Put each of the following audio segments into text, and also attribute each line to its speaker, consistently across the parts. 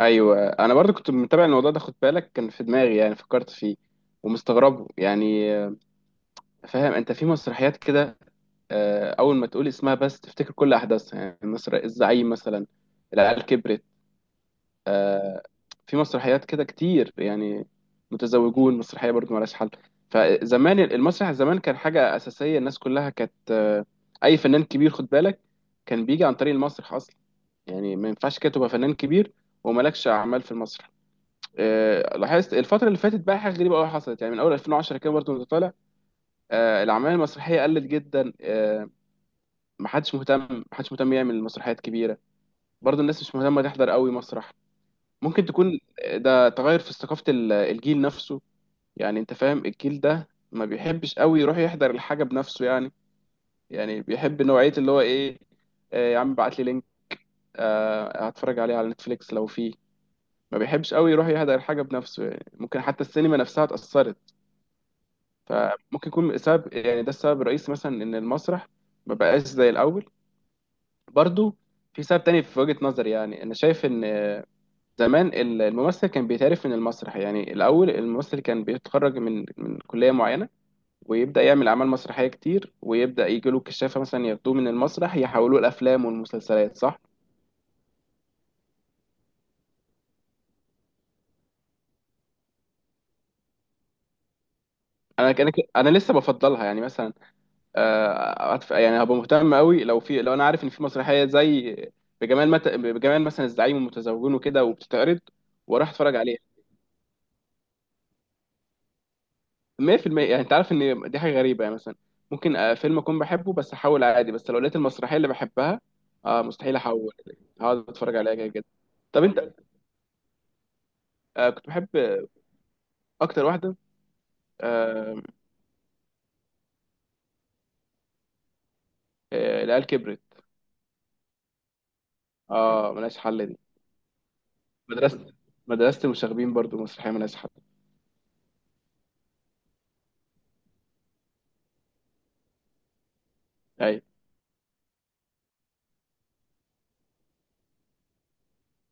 Speaker 1: ايوه، انا برضو كنت متابع الموضوع ده، خد بالك، كان في دماغي يعني فكرت فيه ومستغربه يعني. فاهم انت، في مسرحيات كده. اول ما تقول اسمها بس تفتكر كل احداثها، يعني مصر، الزعيم مثلا، العيال كبرت. آه، في مسرحيات كده كتير يعني، متزوجون مسرحيه برضو ملهاش حل. فزمان المسرح، زمان كان حاجه اساسيه، الناس كلها كانت... اي فنان كبير، خد بالك، كان بيجي عن طريق المسرح اصلا. يعني ما ينفعش كده تبقى فنان كبير ومالكش اعمال في المسرح. لاحظت الفترة اللي فاتت بقى حاجة غريبة قوي حصلت، يعني من أول 2010 كده برضه وأنت طالع. الأعمال المسرحية قلت جدا. محدش مهتم يعمل مسرحيات كبيرة. برضه الناس مش مهتمة تحضر قوي مسرح. ممكن تكون ده تغير في ثقافة الجيل نفسه. يعني أنت فاهم، الجيل ده ما بيحبش قوي يروح يحضر الحاجة بنفسه يعني. يعني بيحب نوعية اللي هو إيه. يا عم ابعت لي لينك. هتفرج عليه على نتفليكس لو فيه. ما بيحبش قوي يروح يحضر الحاجة بنفسه، يعني ممكن حتى السينما نفسها اتأثرت. فممكن يكون السبب، يعني ده السبب الرئيسي مثلا، ان المسرح ما بقاش زي الاول. برضو في سبب تاني في وجهة نظري. يعني انا شايف ان زمان الممثل كان بيتعرف من المسرح. يعني الاول الممثل كان بيتخرج من كلية معينة، ويبدأ يعمل اعمال مسرحية كتير، ويبدأ يجي له كشافة مثلا ياخدوه من المسرح، يحولوه الافلام والمسلسلات، صح؟ انا لسه بفضلها يعني مثلا. يعني هبقى مهتم قوي لو في، لو انا عارف ان في مسرحيه، زي بجمال مثلا، الزعيم والمتزوجون وكده، وبتتعرض، واروح اتفرج عليها. 100%. يعني انت عارف ان دي حاجه غريبه يعني مثلا، ممكن فيلم اكون بحبه بس احاول عادي، بس لو لقيت المسرحيه اللي بحبها، مستحيل احول. هقعد اتفرج عليها كده كده. طب انت، كنت بحب اكتر واحده... آه العيال كبرت. اه، ملهاش حل دي. مدرسه، مدرسه المشاغبين برضو مسرحيه ملهاش حل. ايوه.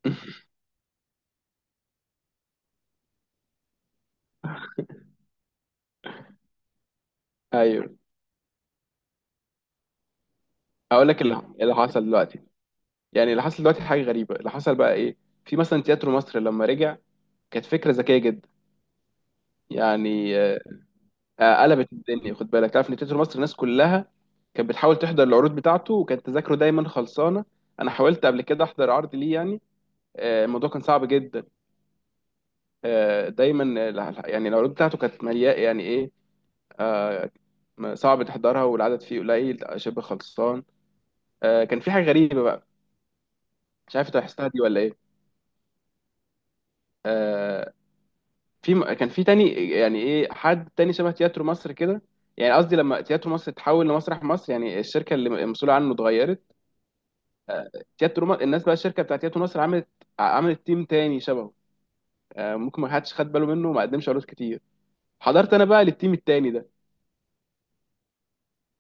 Speaker 1: ايوه، هقول لك اللي حصل دلوقتي. يعني اللي حصل دلوقتي حاجه غريبه. اللي حصل بقى ايه؟ في مثلا تياترو مصر لما رجع، كانت فكره ذكيه جدا يعني. قلبت الدنيا. خد بالك، تعرف ان تياترو مصر الناس كلها كانت بتحاول تحضر العروض بتاعته، وكانت تذاكره دايما خلصانه. انا حاولت قبل كده احضر عرض ليه يعني. الموضوع كان صعب جدا. دايما يعني العروض بتاعته كانت مليئه يعني ايه. آه، صعب تحضرها والعدد فيه قليل شبه خلصان. كان في حاجه غريبه بقى. مش عارف انت لاحظتها دي ولا ايه. آه، في كان في تاني، يعني ايه، حد تاني شبه تياترو مصر كده. يعني قصدي، لما تياترو مصر اتحول لمسرح مصر، يعني الشركه اللي المسؤوله عنه اتغيرت. الناس بقى، الشركه بتاعت تياترو مصر عملت عملت تيم تاني شبهه. ممكن ما حدش خد باله منه وما قدمش عروض كتير. حضرت انا بقى للتيم التاني ده.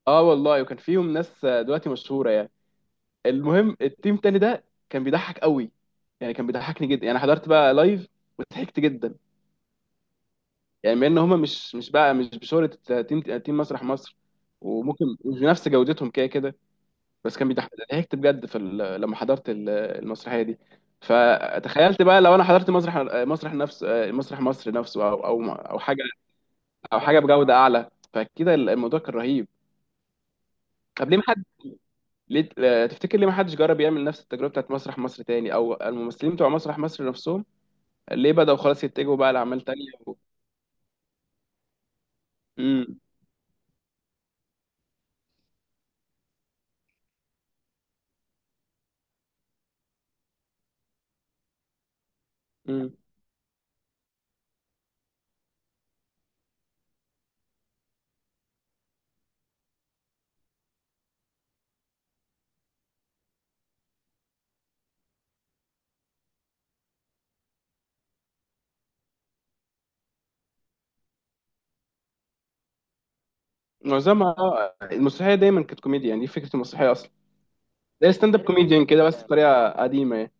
Speaker 1: اه والله، وكان فيهم ناس دلوقتي مشهوره يعني. المهم التيم التاني ده كان بيضحك قوي، يعني كان بيضحكني جدا. يعني حضرت بقى لايف وضحكت جدا. يعني بما ان هم مش بقى مش بشهرة تيم مسرح مصر، وممكن مش بنفس جودتهم كده كده، بس كان بيضحكت بجد. في لما حضرت المسرحية دي، فتخيلت بقى لو انا حضرت مسرح مصر نفسه، او حاجة، او حاجة بجودة اعلى، فكده الموضوع كان رهيب. طب ليه ما حد، ليه، تفتكر ليه ما حدش جرب يعمل نفس التجربة بتاعت مسرح مصر تاني، او الممثلين بتوع مسرح مصر نفسهم ليه بدأوا خلاص يتجهوا بقى لأعمال تانية و... امم. معظمها المسرحيه دايما كانت كوميديا، يعني دي فكره المسرحيه اصلا. زي ستاند اب كوميديان كده، بس بطريقه قديمه يعني.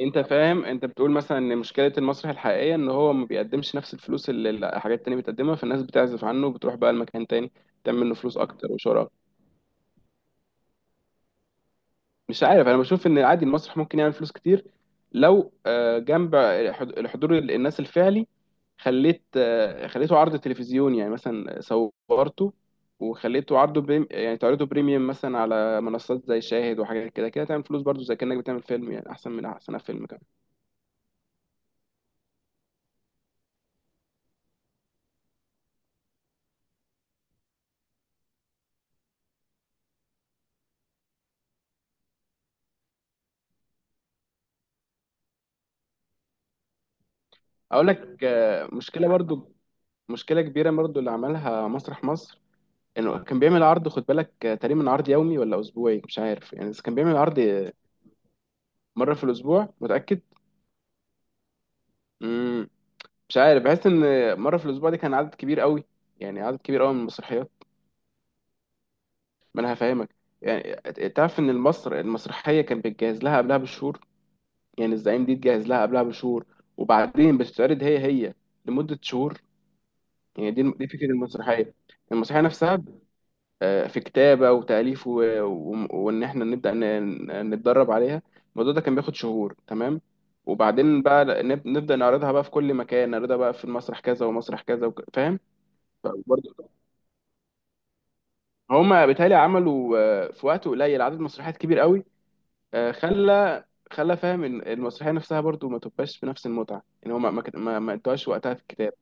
Speaker 1: انت فاهم، انت بتقول مثلا ان مشكله المسرح الحقيقيه ان هو ما بيقدمش نفس الفلوس اللي الحاجات التانيه بتقدمها، فالناس بتعزف عنه وبتروح بقى لمكان تاني تعمل له فلوس اكتر وشهره. مش عارف، انا بشوف ان عادي المسرح ممكن يعمل فلوس كتير. لو جنب الحضور الناس الفعلي، خليت خليته عرض تلفزيوني يعني مثلا، صورته وخليته عرضه بريم، يعني تعرضه بريميوم مثلا على منصات زي شاهد وحاجات كده، كده تعمل فلوس برضو، زي كأنك بتعمل فيلم يعني، احسن من احسن فيلم كمان. اقول لك مشكلة برضو، مشكلة كبيرة برضو اللي عملها مسرح مصر، انه كان بيعمل عرض، خد بالك تقريبا عرض يومي ولا اسبوعي، مش عارف يعني، بس كان بيعمل عرض مرة في الاسبوع متأكد. مم. مش عارف، بحس ان مره في الاسبوع دي كان عدد كبير قوي، يعني عدد كبير قوي من المسرحيات. ما انا هفهمك. يعني تعرف ان المصر المسرحيه كان بتجهز لها قبلها بشهور، يعني الزعيم دي تجهز لها قبلها بشهور، وبعدين بتتعرض هي لمده شهور. يعني دي فكره المسرحيه، المسرحيه نفسها. في كتابه وتاليف وان احنا نبدا نتدرب عليها. الموضوع ده كان بياخد شهور، تمام. وبعدين بقى نبدا نعرضها بقى في كل مكان، نعرضها بقى في المسرح كذا، ومسرح كذا، فاهم. برضه هما بيتهيألي عملوا في وقت قليل عدد مسرحيات كبير قوي. آه، خلى خلى فاهم إن المسرحيه نفسها برضو ما تبقاش بنفس المتعه، ان هما ما ادوهاش وقتها في الكتاب.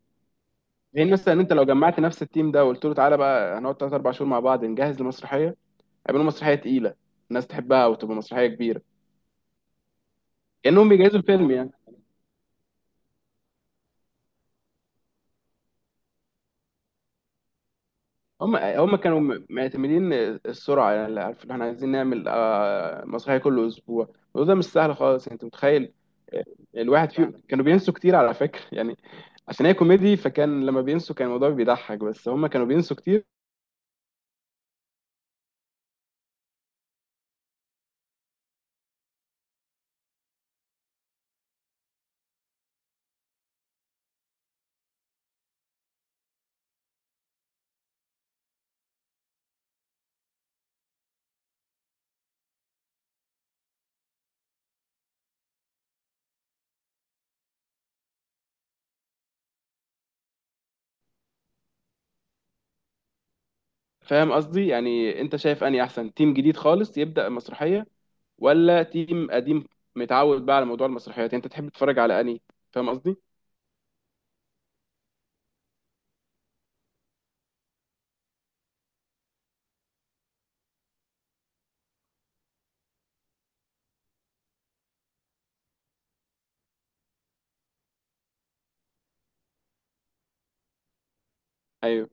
Speaker 1: لان مثلا انت لو جمعت نفس التيم ده، وقلت له تعالى بقى هنقعد 3 4 شهور مع بعض نجهز لمسرحيه، هيعملوا مسرحيه تقيله الناس تحبها وتبقى مسرحيه كبيره، كانهم بيجهزوا فيلم يعني. هما كانوا معتمدين السرعه، يعني اللي عارف، اللي احنا عايزين نعمل مسرحيه كل اسبوع، وده مش سهل خالص يعني، انت متخيل. آه، الواحد فيهم كانوا بينسوا كتير على فكرة يعني، عشان هي كوميدي، فكان لما بينسوا كان الموضوع بيضحك، بس هما كانوا بينسوا كتير. فاهم قصدي، يعني انت شايف اني احسن تيم جديد خالص يبدأ المسرحية، ولا تيم قديم متعود بقى على موضوع المسرحيات، يعني انت تحب تتفرج على اني، فاهم قصدي. ايوه.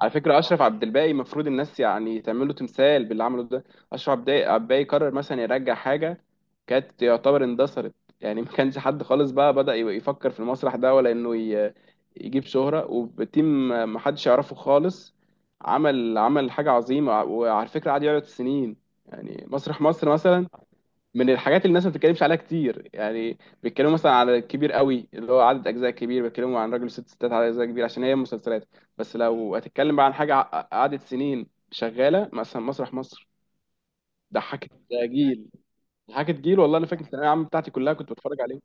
Speaker 1: على فكرة أشرف عبد الباقي المفروض الناس يعني تعمل له تمثال باللي عمله ده. أشرف عبد الباقي قرر مثلا يرجع حاجة كانت يعتبر اندثرت، يعني ما كانش حد خالص بقى بدأ يبقى يفكر في المسرح ده، ولا إنه يجيب شهرة، وتيم ما حدش يعرفه خالص. عمل حاجة عظيمة، وعلى فكرة قعد يعرض سنين، يعني مسرح مصر مثلا من الحاجات اللي الناس ما بتتكلمش عليها كتير. يعني بيتكلموا مثلا على الكبير قوي، اللي هو عدد اجزاء كبير، بيتكلموا عن راجل وست ستات على اجزاء كبير عشان هي مسلسلات، بس لو هتتكلم بقى عن حاجه قعدت سنين شغاله مثلا مسرح مصر. ضحكت جيل ضحكت جيل والله. انا فاكر الثانويه العامه بتاعتي كلها كنت بتفرج عليه.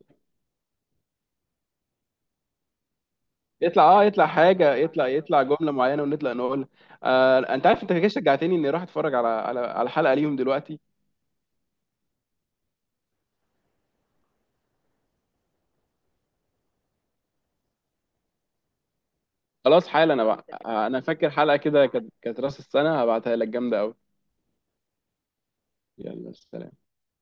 Speaker 1: يطلع حاجه، يطلع جمله معينه ونطلع نقول. انت عارف، انت كده شجعتني اني اروح اتفرج على حلقه ليهم دلوقتي. خلاص حالا انا بقى انا فاكر حلقه كده، كانت راس السنه، هبعتها لك جامده قوي. يلا، سلام.